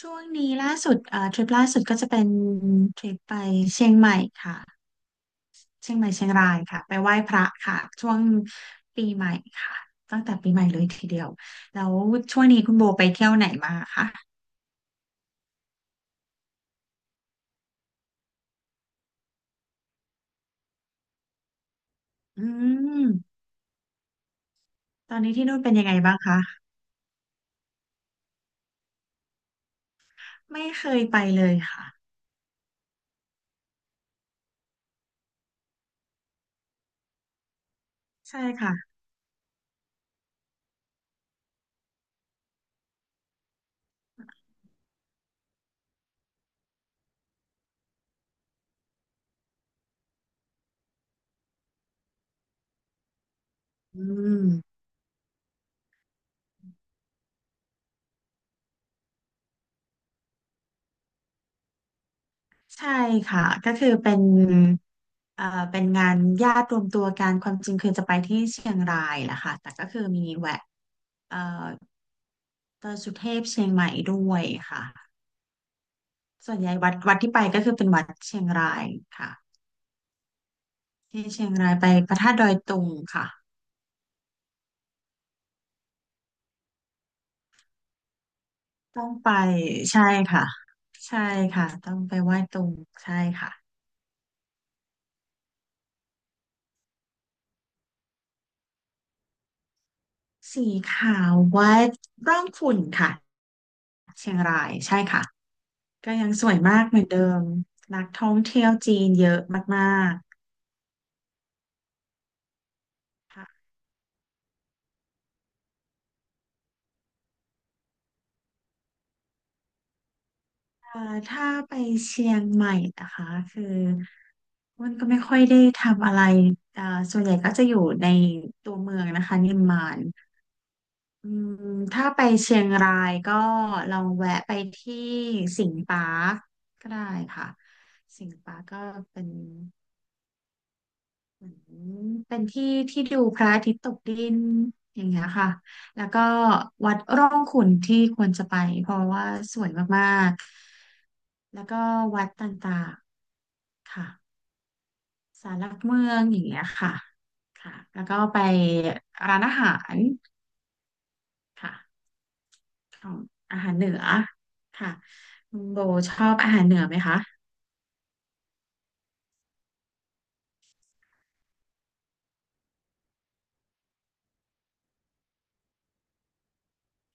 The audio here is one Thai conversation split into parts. ช่วงนี้ล่าสุดทริปล่าสุดก็จะเป็นทริปไปเชียงใหม่ค่ะเชียงใหม่เชียงรายค่ะไปไหว้พระค่ะช่วงปีใหม่ค่ะตั้งแต่ปีใหม่เลยทีเดียวแล้วช่วงนี้คุณโบไปเที่ยวไหนมาคะอืมตอนนี้ที่นู่นเป็นยังไงบ้างคะไม่เคยไปเลยค่ะใช่ค่ะอืมใช่ค่ะก็คือเป็นเอ่อเป็นงานญาติรวมตัวกันความจริงคือจะไปที่เชียงรายแหละค่ะแต่ก็คือมีแวะเอ่อ ดอยสุเทพเชียงใหม่ด้วยค่ะส่วนใหญ่วัดที่ไปก็คือเป็นวัดเชียงรายค่ะที่เชียงรายไปพระธาตุดอยตุงค่ะ ต้องไปใช่ค่ะใช่ค่ะต้องไปไหว้ตุงใช่ค่ะสีขาววัดร่องขุ่นค่ะเชียงรายใช่ค่ะก็ยังสวยมากเหมือนเดิมนักท่องเที่ยวจีนเยอะมากๆ อ่าถ้าไปเชียงใหม่นะคะคือมันก็ไม่ค่อยได้ทำอะไรอ่าส่วนใหญ่ก็จะอยู่ในตัวเมืองนะคะนิมมานอืมถ้าไปเชียงรายก็ลองแวะไปที่สิงห์ปาร์คก็ได้ค่ะสิงห์ปาร์คก็เป็นเหมือนเป็นที่ที่ดูพระอาทิตย์ตกดินอย่างเงี้ยค่ะแล้วก็วัดร่องขุ่นที่ควรจะไปเพราะว่าสวยมากๆแล้วก็วัดต่างๆ ค่ะศาลหลักเมืองอย่างเงี้ยค่ะค่ะแล้วก็ไปร้านอาหารค่ะของอาหารเหนือค่ะคุณโบชอบอาหารเหนือไหมคะ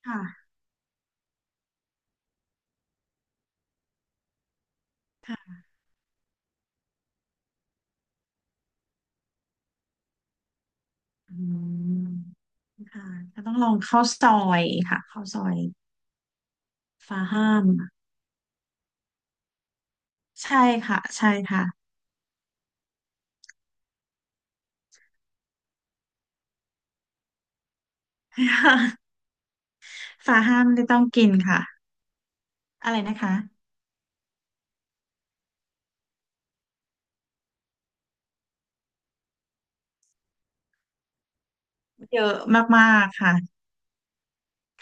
ค่ะค่ะอืมค่ะก็ต้องลองข้าวซอยค่ะข้าวซอยฟ้าห้ามใช่ค่ะใช่ค่ะ ฟ้าห้ามไม่ต้องกินค่ะอะไรนะคะเยอะมากๆค่ะ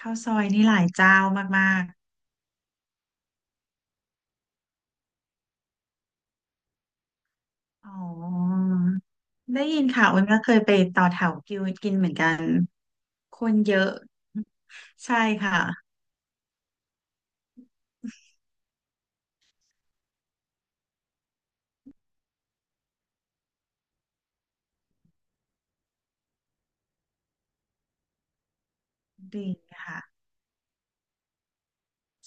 ข้าวซอยนี่หลายเจ้ามาก อ๋อได้ยินค่ะอ้นก็เคยไปต่อแถวกิวกินเหมือนกันคนเยอะใช่ค่ะดีค่ะ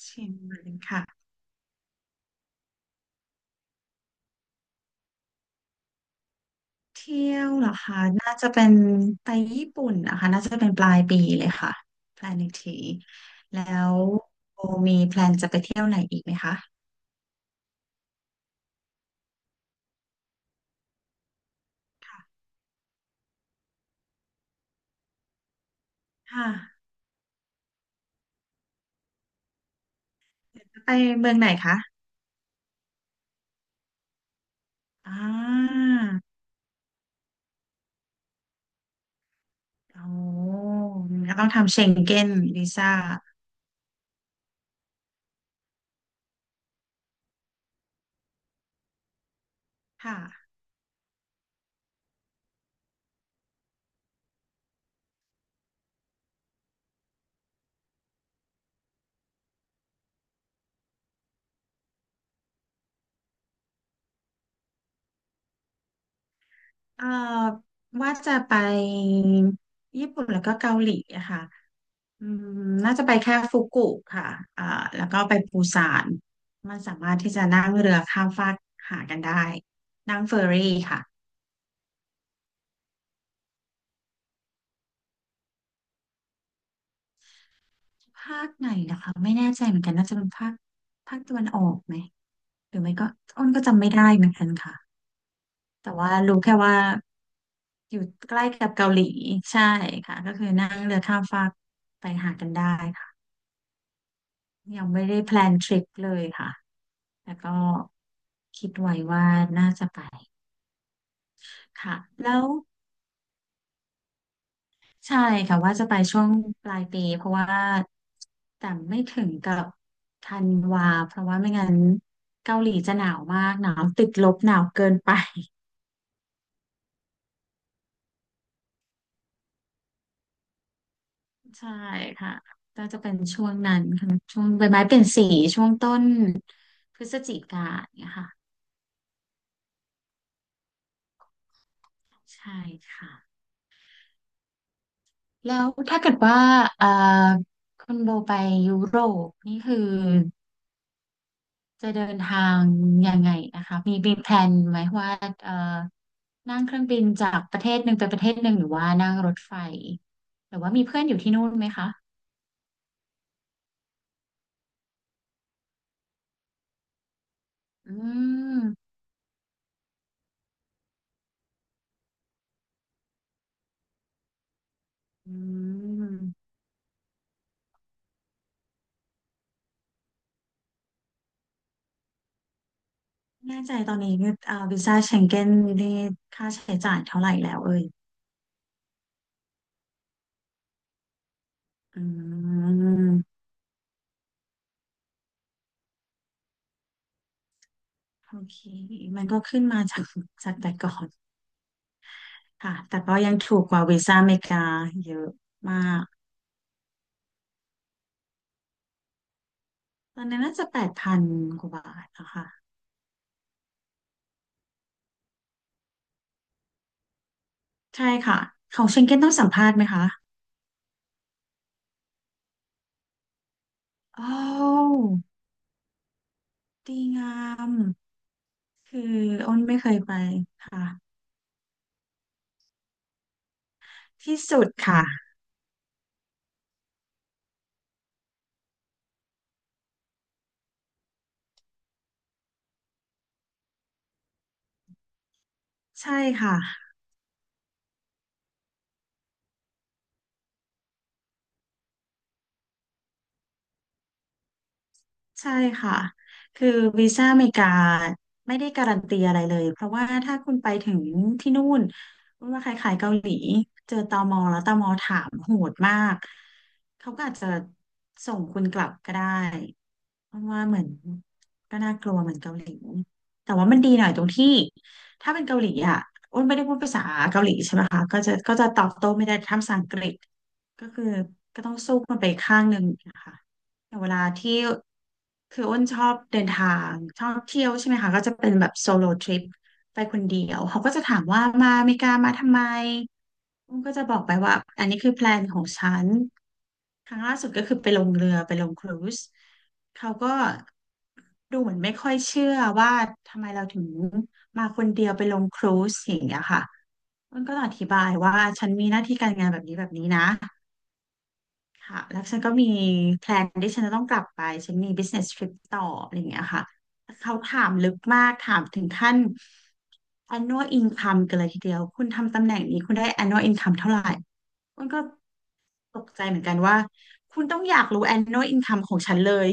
เชียงใหม่ค่ะเที่ยวเหรอคะน่าจะเป็นไปญี่ปุ่นนะคะน่าจะเป็นปลายปีเลยค่ะแพลนอีกทีแล้วโบมีแพลนจะไปเที่ยวไหนอีกไหมคะค่ะค่ะไปเมืองไหนคะอ่าโอ้ก็ต้องทำเชงเก้นวีซ่าค่ะ เอ่อว่าจะไปญี่ปุ่นแล้วก็เกาหลีอะค่ะอืมน่าจะไปแค่ฟุกุค่ะอ่าแล้วก็ไปปูซานมันสามารถที่จะนั่งเรือข้ามฟากหากันได้นั่งเฟอร์รี่ค่ะภาคไหนนะคะไม่แน่ใจเหมือนกันน่าจะเป็นภาคตะวันออกไหมหรือไม่ก็อ้นก็จำไม่ได้เหมือนกันค่ะแต่ว่ารู้แค่ว่าอยู่ใกล้กับเกาหลีใช่ค่ะก็คือนั่งเรือข้ามฟากไปหากันได้ค่ะ ยังไม่ได้แพลนทริปเลยค่ะแต่ก็คิดไว้ว่าน่าจะไปค่ะแล้วใช่ค่ะว่าจะไปช่วงปลายปีเพราะว่าแต่ไม่ถึงกับธันวาเพราะว่าไม่งั้นเกาหลีจะหนาวมากหนาวติดลบหนาวเกินไปใช่ค่ะก็จะเป็นช่วงนั้นค่ะช่วงใบไม้เปลี่ยนสีช่วงต้นพฤศจิกาเนี่ยค่ะใช่ค่ะ แล้วถ้าเกิดว่าอ่าคุณโบไปยุโรปนี่คือจะเดินทางยังไงนะคะมีแพลนไหมว่าเอ่อนั่งเครื่องบินจากประเทศหนึ่งไปประเทศหนึ่งหรือว่านั่งรถไฟหรือว่ามีเพื่อนอยู่ที่นู่นไหมคะอืมอืมแน่ใจตอนนี้เอ่ยอาวีซ่าเชงเก้นนี่ค่าใช้จ่ายเท่าไหร่แล้วเอ่ยอืมโอเคมันก็ขึ้นมาจากจากแต่ก่อน ค่ะ แต่ก็ยังถูกกว่าวีซ่าอเมริกาเยอะมาก ตอนนั้นน่าจะ8,000กว่าบาทนะคะใช่ค่ะ ของเชงเก้นต้องสัมภาษณ์ไหมคะโอ้าวดีงาม คืออ้นไม่เคยไปค่ะ ที่สุดค่ะ ใช่ค่ะ ใช่ค่ะ คือวีซ่าอเมริกาไม่ได้การันตีอะไรเลย เพราะว่าถ้าคุณไปถึงที่นู่นมันว่าคล้ายๆเกาหลีเจอตมแล้วตมถามโหดมากเขาก็อาจจะส่งคุณกลับก็ได้เพราะว่าเหมือนก็น่ากลัวเหมือนเกาหลี แต่ว่ามันดีหน่อยตรงที่ถ้าเป็นเกาหลีอ่ะอ้นไม่ได้พูดภาษาเกาหลีใช่ไหมคะก็จะตอบโต้ไม่ได้ทำภาษาอังกฤษ ก็คือก็ต้องสู้มันไปข้างหนึ่งนะคะแต่เวลาที่คืออ้นชอบเดินทางชอบเที่ยวใช่ไหมคะก็จะเป็นแบบโซโลทริปไปคนเดียวเขาก็จะถามว่ามาอเมริกามาทำไมอ้นก็จะบอกไปว่าอันนี้คือแพลนของฉันครั้งล่าสุดก็คือไปลงเรือไปลงครูซเขาก็ดูเหมือนไม่ค่อยเชื่อว่าทำไมเราถึงมาคนเดียวไปลงครูซอย่างเงี้ยค่ะอ้นก็ต้องอธิบายว่าฉันมีหน้าที่การงานแบบนี้แบบนี้นะ ค่ะแล้วฉันก็มีแพลนที่ฉันจะต้องกลับไป ฉันมี business trip ต่ออะไรอย่างเงี้ยค่ะแต่เขาถามลึกมากถามถึงขั้น annual income กันเลยทีเดียว คุณทำตำแหน่งนี้คุณได้ annual income เท่าไหร่มันก็ตกใจเหมือนกันว่า คุณต้องอยากรู้ annual income ของฉันเลย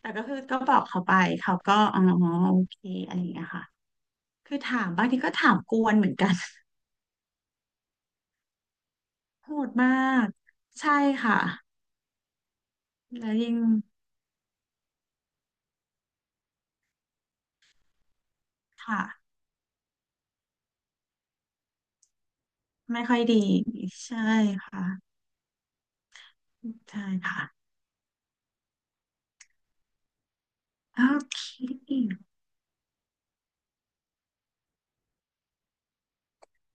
แต่ก็คือก็บอกเขาไป เขาก็อ๋อ โอเคอะไรอย่างเงี้ยค่ะ คือถามบางทีก็ถามกวนเหมือนกันโหดมากใช่ค่ะแล้วยิ่งค่ะ ไม่ค่อยดีใช่ค่ะใช่ค่ะโอเค